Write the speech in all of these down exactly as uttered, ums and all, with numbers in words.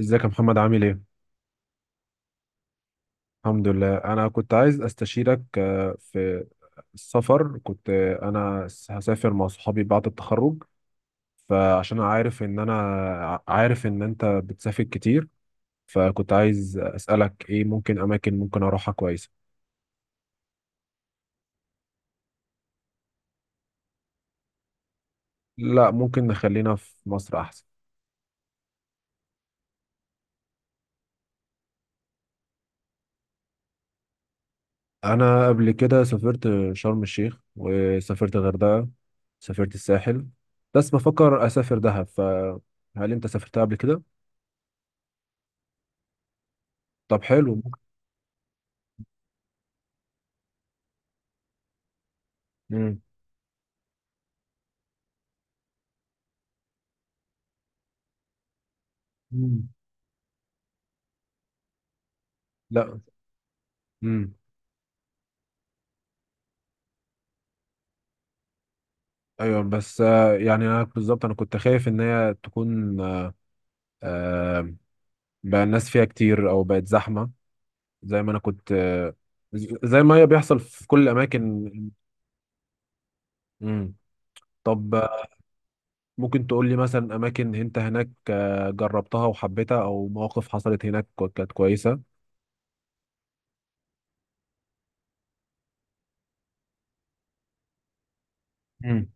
ازيك يا محمد عامل ايه؟ الحمد لله، انا كنت عايز استشيرك آه، في السفر. كنت آه، انا س- هسافر مع صحابي بعد التخرج. فعشان عارف ان انا ع- عارف ان انت بتسافر كتير، فكنت عايز اسالك ايه ممكن اماكن ممكن اروحها كويسة. لا، ممكن نخلينا في مصر احسن. انا قبل كده سافرت شرم الشيخ، وسافرت الغردقة، سافرت الساحل، بس بفكر اسافر دهب. فهل انت سافرتها قبل كده؟ طب حلو. ممكن. مم. لا. امم. ايوه، بس آه، يعني انا بالظبط انا كنت خايف ان هي تكون آه، بقى الناس فيها كتير او بقت زحمه، زي ما انا كنت آه، ز- زي ما هي بيحصل في كل الاماكن. امم. طب آه، ممكن تقول لي مثلا اماكن انت هناك آه، جربتها وحبيتها، او مواقف حصلت هناك كو- كانت كويسه. مم.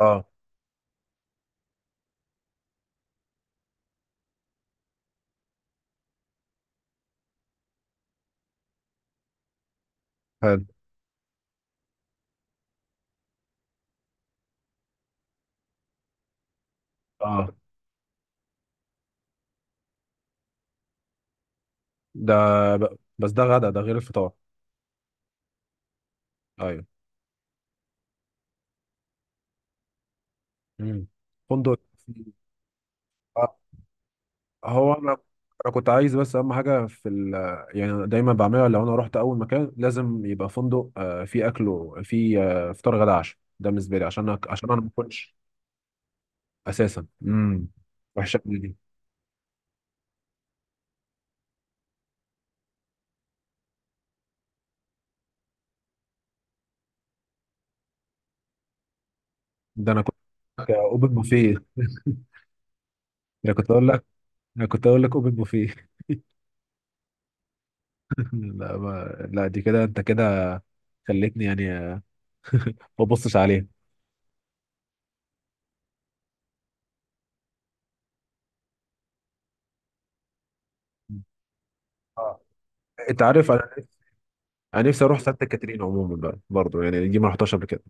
اه. حلو. اه. ده ب- بس ده غدا ده غير الفطار. ايوه. امم. فندق. آه، هو انا انا كنت عايز، بس اهم حاجه في ال، يعني أنا دايما بعملها لو انا رحت اول مكان لازم يبقى فندق آه، فيه اكل، وفيه آه، فطار غدا عشاء، ده بالنسبه لي عشان أك- عشان انا ما كنتش اساسا. امم. وحشه أوي دي. ده انا كنت. اوبن بوفيه. انا كنت اقول لك. انا كنت اقول لك اوبن بوفيه. لا ما... لا، دي كده، انت كده خليتني يعني آه، ما ابصش عليها. آه. انت عارف انا. انا نفسي اروح سانت كاترين عموما بقى برضه، يعني دي ما رحتهاش قبل كده.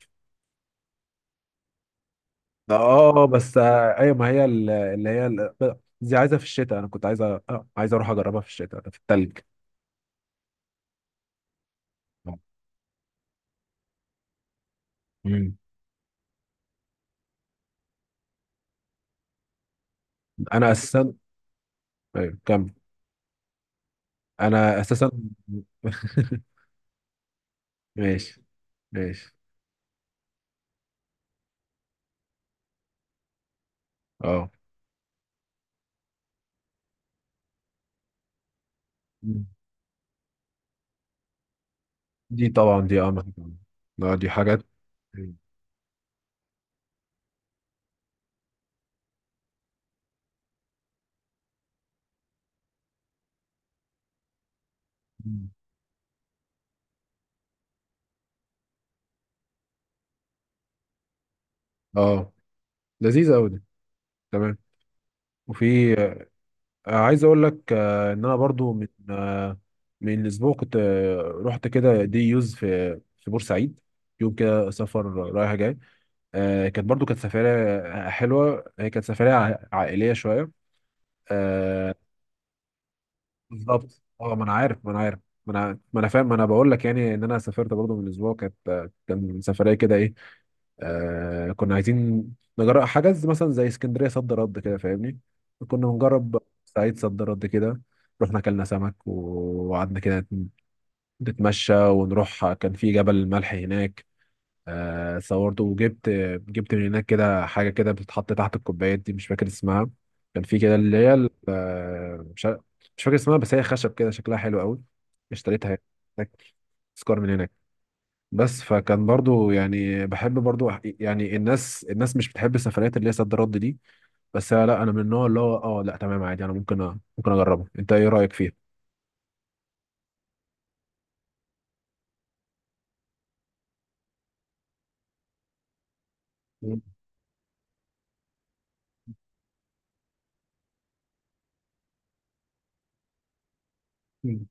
ده اه، بس آه، ايوه، ما هي ال- اللي هي ال- دي عايزه في الشتاء، انا كنت عايزه آه، عايز اروح اجربها في الشتاء في التلج. مم. انا اساسا. ايوه، كمل. انا اساسا. ماشي. ماشي. اه. مم. دي طبعا دي اهم حاجه. اه. لا، دي حاجات. مم. اه، لذيذه قوي دي. تمام. وفي آه، عايز اقول لك آه، ان انا برضو من آه، من اسبوع كنت آه، رحت كده دي يوز في في بورسعيد، يوم كده سفر رايح جاي. آه، كانت برضو كانت سفرية آه، حلوة، هي كانت سفرية ع- عائلية شوية. آه، بالظبط. اه، ما انا عارف، ما انا عارف. ما انا ما انا فاهم، ما انا بقول لك يعني ان انا سافرت برضو من اسبوع، كانت آه، كان سفرية كده ايه. آه كنا عايزين نجرب حاجات زي- مثلا زي اسكندريه صد رد كده، فاهمني؟ كنا بنجرب سعيد صد رد كده. رحنا اكلنا سمك و- وقعدنا كده نت- نتمشى ونروح. كان في جبل الملح هناك. آه صورت وجبت جبت من هناك كده حاجه كده بتتحط تحت الكوبايات دي، مش فاكر اسمها. كان في كده اللي هي ال- آه، مش عارف- مش فاكر اسمها، بس هي خشب كده، شكلها حلو قوي. اشتريتها هناك، تذكار من هناك. بس فكان برضو يعني بحب برضو أح- يعني الناس، الناس مش بتحب السفريات اللي هي سد رد دي، بس أنا لا، انا من النوع اللي هو اه، لا تمام عادي، انا ممكن أ... ممكن اجربها. انت ايه رايك فيها؟ مم. مم.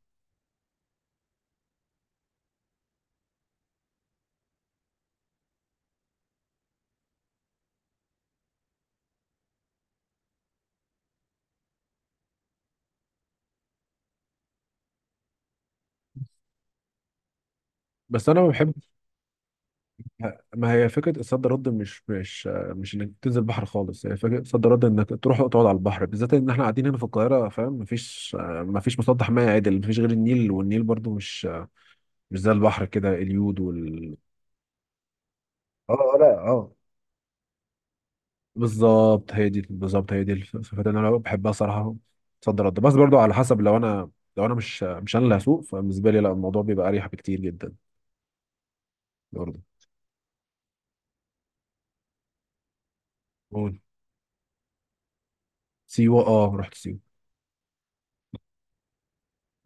بس انا ما بحب. ما هي فكره الصد رد مش مش مش انك تنزل بحر خالص. هي فكره الصد رد انك تروح تقعد على البحر، بالذات ان احنا قاعدين هنا في القاهره، فاهم؟ مفيش مفيش مسطح ميه عدل، مفيش غير النيل، والنيل برضو مش، مش زي البحر كده، اليود وال. اه، آه، لا، اه، بالظبط هي دي، بالظبط هي دي الصفات اللي انا بحبها صراحه في صد رد. بس برضو على حسب، لو انا لو انا مش مش انا اللي هسوق، فبالنسبه لي لا، الموضوع بيبقى اريح بكتير جدا برضو. قول. سيوه، اه، رحت سيوه.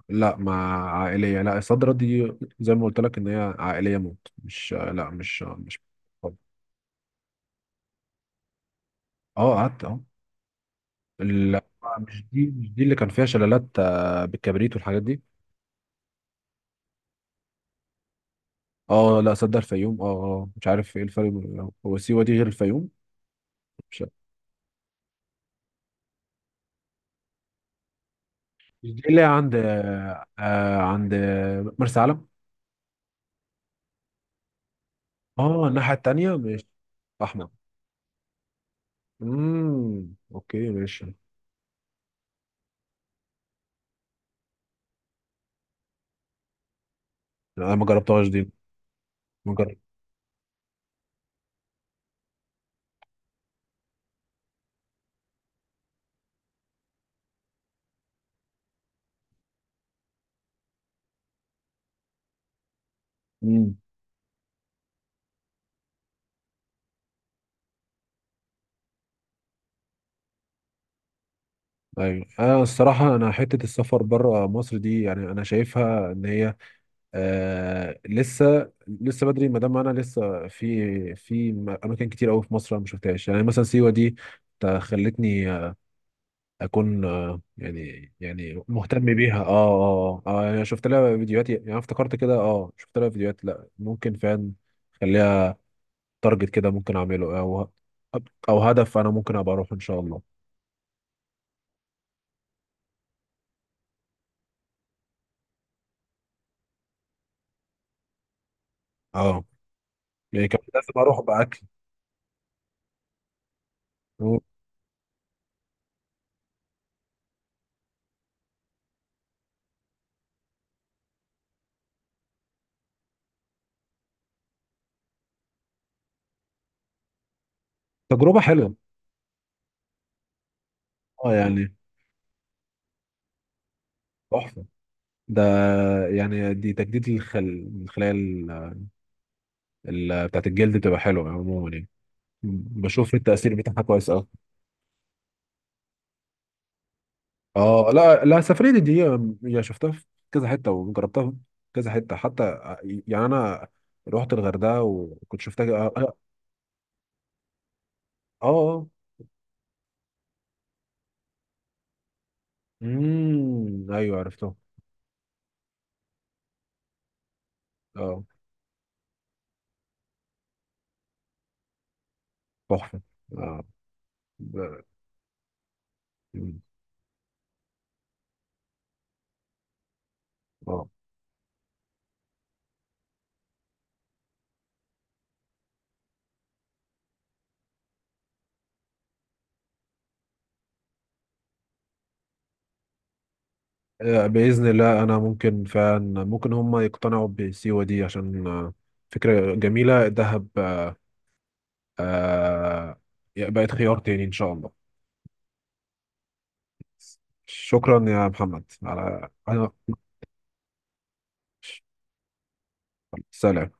لا، مع عائليه. لا، صد رد دي زي ما قلت لك ان هي عائليه موت، مش، لا مش مش. اه، قعدت، اه. لا. مش دي، مش دي اللي كان فيها شلالات آه، بالكبريت والحاجات دي. اه، لا، صدق، الفيوم. اه، آه، مش عارف ايه الفرق بين- هو سيوه دي غير الفيوم؟ مش دي اللي هي عند، آه عند مرسى علم؟ اه، الناحية التانية، مش أحمر. امم. اوكي ماشي. لا، انا ما جربتهاش دي. ما جربت. امم. ايوه، انا الصراحه انا حته السفر بره مصر دي يعني انا شايفها ان هي آه لسه، لسه بدري، ما دام انا لسه في في اماكن كتير قوي في مصر انا ما شفتهاش، يعني مثلا سيوه دي تا- خلتني اكون آه، يعني يعني مهتم بيها. اه، اه اه انا شفت لها فيديوهات، يعني أنا افتكرت كده، اه شفت لها فيديوهات، لا ممكن فعلا خليها تارجت كده، ممكن اعمله او او هدف، انا ممكن ابقى اروح ان شاء الله. اه، يعني كان لازم اروح باكل. تجربه حلوه. اه، يعني. تحفه. ده يعني دي تجديد الخل... الخلايا، ال... ال... بتاعت الجلد، بتبقى حلوه عموما يعني. بشوف التاثير بتاعها كويس قوي. اه، لا لا، السفريه دي، دي يعني شفتها في كذا حته، وجربتها في كذا حته، حتى آه، يعني انا رحت الغردقه وكنت شفتها، اه. اه، آه. امم، ايوه عرفته. اه. تحفه. اه ب- مم. اه، آه، باذن الله انا ممكن فعلا، ممكن هم يقتنعوا بسيوه دي عشان آه، فكره جميله. دهب آه آه، بقت خيار تاني ان شاء الله. شكرا يا محمد على على- سلام.